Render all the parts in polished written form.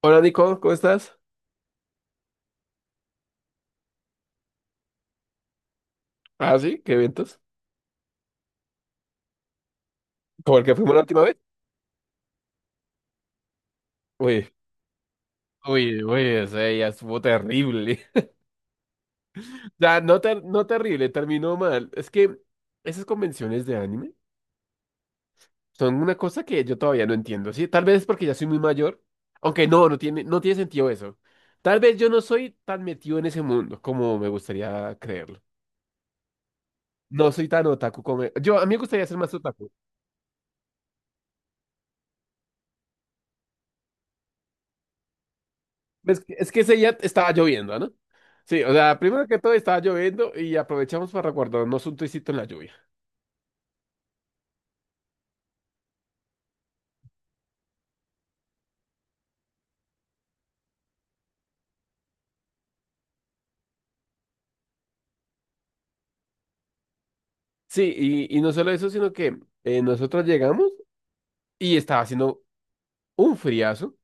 Hola Nico, ¿cómo estás? Ah, sí, qué eventos. ¿Como el que fuimos la última vez? Uy, uy, uy, ese ya estuvo terrible. O sea, no, no terrible, terminó mal. Es que esas convenciones de anime son una cosa que yo todavía no entiendo, ¿sí? Tal vez es porque ya soy muy mayor, aunque no, no tiene sentido eso. Tal vez yo no soy tan metido en ese mundo como me gustaría creerlo. No soy tan otaku como... Yo, a mí me gustaría ser más otaku. Es que ese día estaba lloviendo, ¿no? Sí, o sea, primero que todo estaba lloviendo y aprovechamos para guardarnos un tricito en la lluvia. Sí, y no solo eso, sino que nosotros llegamos y estaba haciendo un friazo,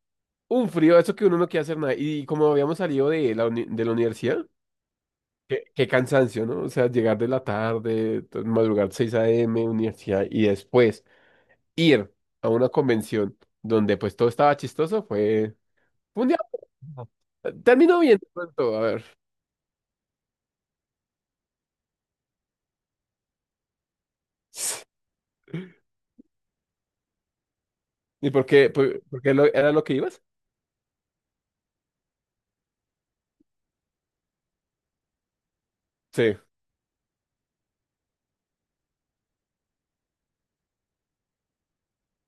un frío, eso que uno no quiere hacer nada. Y como habíamos salido de de la universidad, qué cansancio, ¿no? O sea, llegar de la tarde, madrugar 6 a.m., universidad, y después ir a una convención donde pues todo estaba chistoso, fue un día. Terminó bien de pronto, a ver. ¿Y por qué? ¿Por qué era lo que ibas? Sí.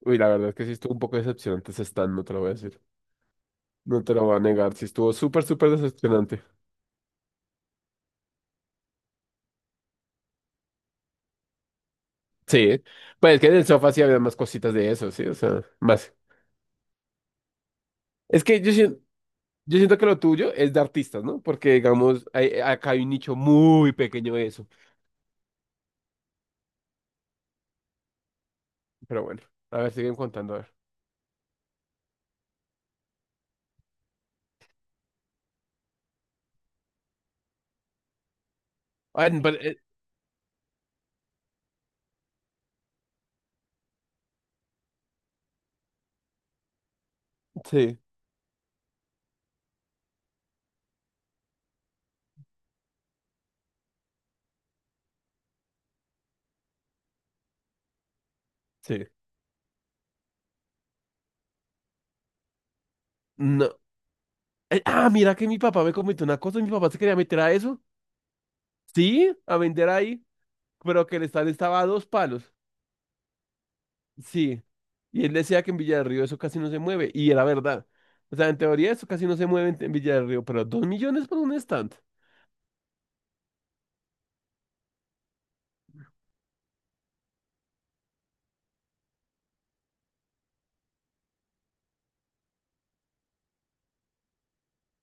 Uy, la verdad es que sí estuvo un poco decepcionante ese stand, no te lo voy a decir. No te lo voy a negar, sí estuvo súper, súper decepcionante. Sí. Pues es que en el sofá sí había más cositas de eso, sí, o sea, más. Es que yo, sien- yo siento que lo tuyo es de artistas, ¿no? Porque, digamos, acá hay un nicho muy pequeño de eso. Pero bueno, a ver, siguen contando, a ver. Ah, pero, sí, sí. No. Mira que mi papá me comentó una cosa, mi papá se quería meter a eso. Sí, a vender ahí, pero que el stand estaba a 2 palos. Sí. Y él decía que en Villa del Río eso casi no se mueve. Y era verdad. O sea, en teoría eso casi no se mueve en Villa del Río, pero 2 millones por un stand.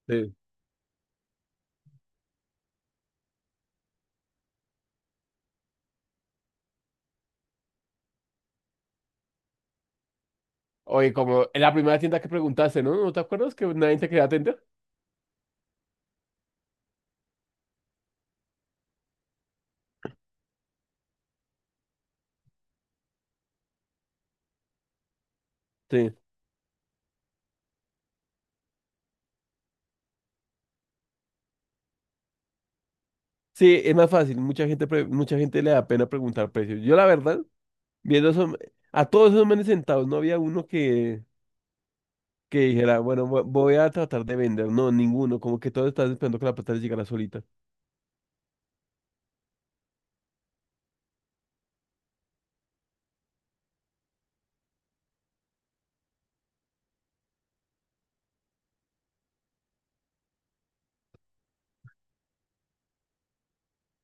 Sí. Oye, como en la primera tienda que preguntaste, ¿no? ¿No te acuerdas que nadie te quería atender? Sí. Sí, es más fácil. Mucha gente le da pena preguntar precios. Yo, la verdad, viendo esos- a todos esos manes sentados, no había uno que dijera, bueno, voy a tratar de vender. No, ninguno. Como que todos están esperando que la plata les llegara solita.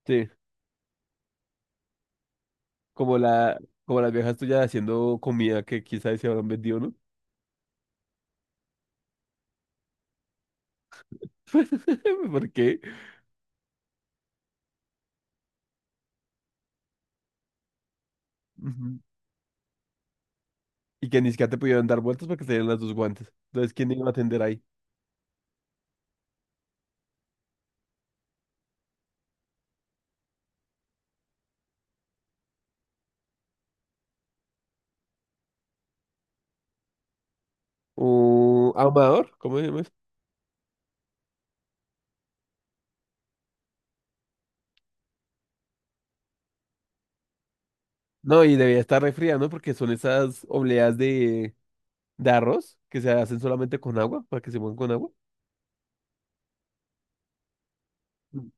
Sí. Como como las viejas tuyas haciendo comida que quizás se habrán vendido, ¿no? ¿Por qué? Ujú. Y que ni siquiera te pudieron dar vueltas porque tenían las dos guantes. Entonces, ¿quién iba a atender ahí? ¿Un ahumador? ¿Cómo se llama eso? No, y debía estar refría, ¿no? Porque son esas obleas de arroz que se hacen solamente con agua, para que se muevan con agua. Mm.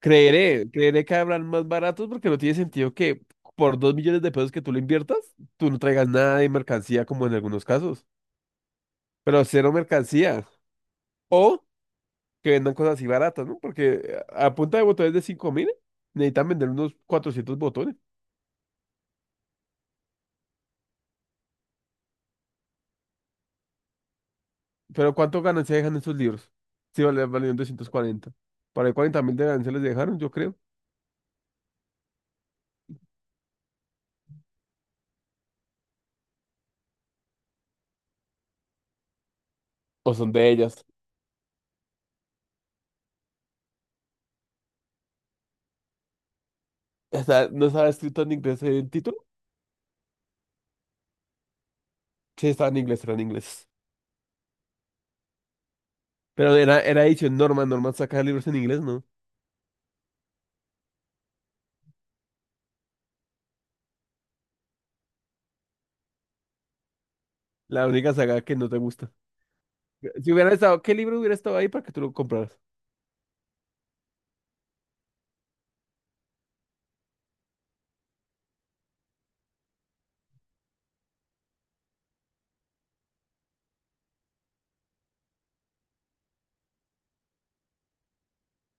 Creeré, creeré que habrán más baratos porque no tiene sentido que por 2 millones de pesos que tú le inviertas, tú no traigas nada de mercancía como en algunos casos. Pero cero mercancía. O que vendan cosas así baratas, ¿no? Porque a punta de botones de 5.000, necesitan vender unos 400 botones. Pero ¿cuánto ganancia dejan esos libros? Sí, vale, valieron 240. Para el 40 mil de ganancia les dejaron, yo creo. O son de ellas. No estaba escrito en inglés el título. Sí, estaba en inglés, era en inglés. Pero era edición Norman, Norman saca libros en inglés, ¿no? La única saga que no te gusta. Si hubiera estado, ¿qué libro hubiera estado ahí para que tú lo compraras?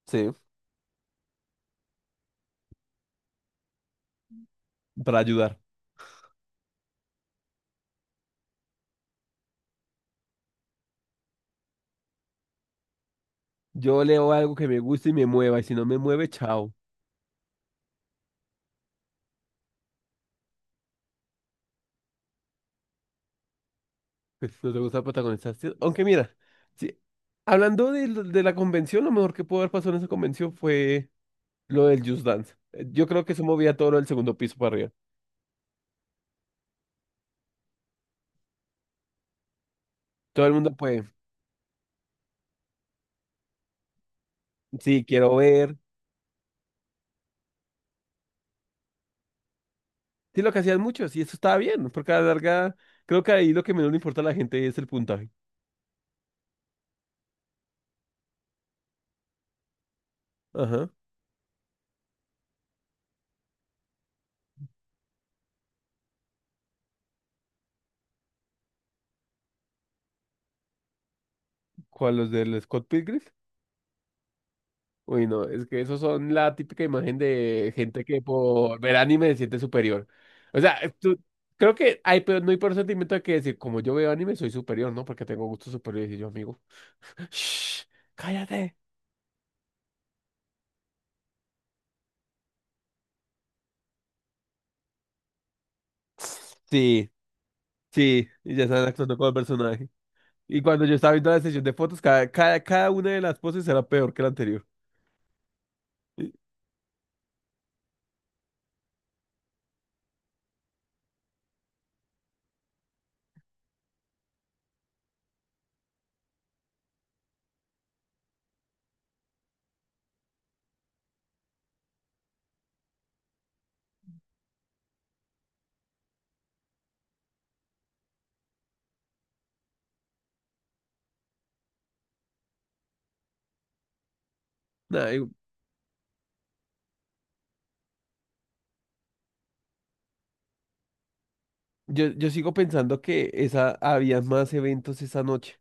Sí, para ayudar. Yo leo algo que me guste y me mueva, y si no me mueve, chao. Pues no te gusta protagonizar, sí. Aunque mira, sí, hablando de, de la convención, lo mejor que pudo haber pasado en esa convención fue lo del Just Dance. Yo creo que eso movía todo lo del segundo piso para arriba. Todo el mundo, pues, sí, quiero ver. Sí, lo que hacían muchos, y eso estaba bien, porque a la larga, creo que ahí lo que menos le importa a la gente es el puntaje. Ajá. ¿Cuál, los del Scott Pilgrim? Uy, no, es que esos son la típica imagen de gente que por ver anime se siente superior. O sea, creo que hay, pero no hay por sentimiento de que decir, como yo veo anime, soy superior, ¿no? Porque tengo gustos superiores y yo, amigo, "Shh, cállate". Sí, sí, y ya están actuando como el personaje. Y cuando yo estaba viendo la sesión de fotos, cada una de las poses era peor que la anterior. Nah, yo yo sigo pensando que esa, había más eventos esa noche,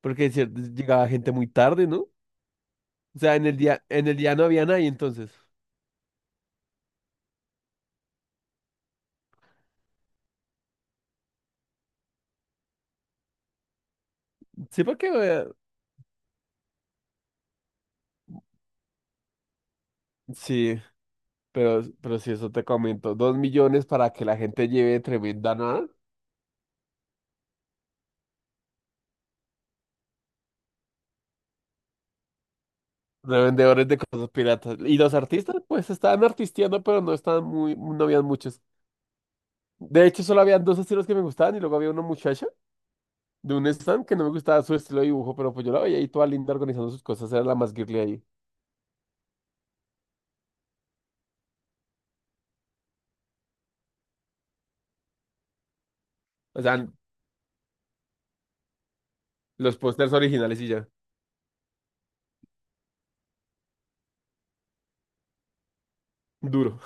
porque es cierto, llegaba gente muy tarde, ¿no? O sea, en el día no había nadie entonces. Sí, porque sí, pero si eso te comento, 2 millones para que la gente lleve tremenda nada. De vendedores de cosas piratas. Y los artistas, pues estaban artisteando, pero no estaban muy, no habían muchos. De hecho, solo habían 2 estilos que me gustaban y luego había una muchacha de un stand que no me gustaba su estilo de dibujo, pero pues yo la veía ahí toda linda organizando sus cosas, era la más girly ahí. O sea, los pósters originales y ya, duro.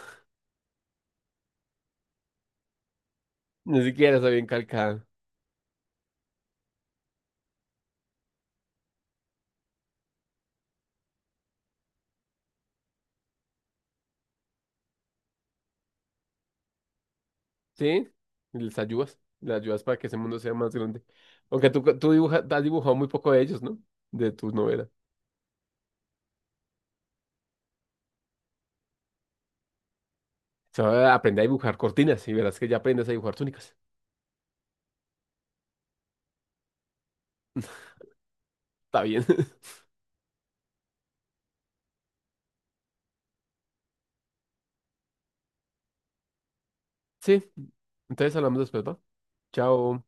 Ni siquiera está bien calcada. ¿Sí? Y les ayudas, les ayudas para que ese mundo sea más grande. Tú dibujas, has dibujado muy poco de ellos, ¿no? De tus novelas. O sea, aprende a dibujar cortinas y verás que ya aprendes a dibujar túnicas. Está bien. Sí, entonces hablamos después, ¿va? Chao.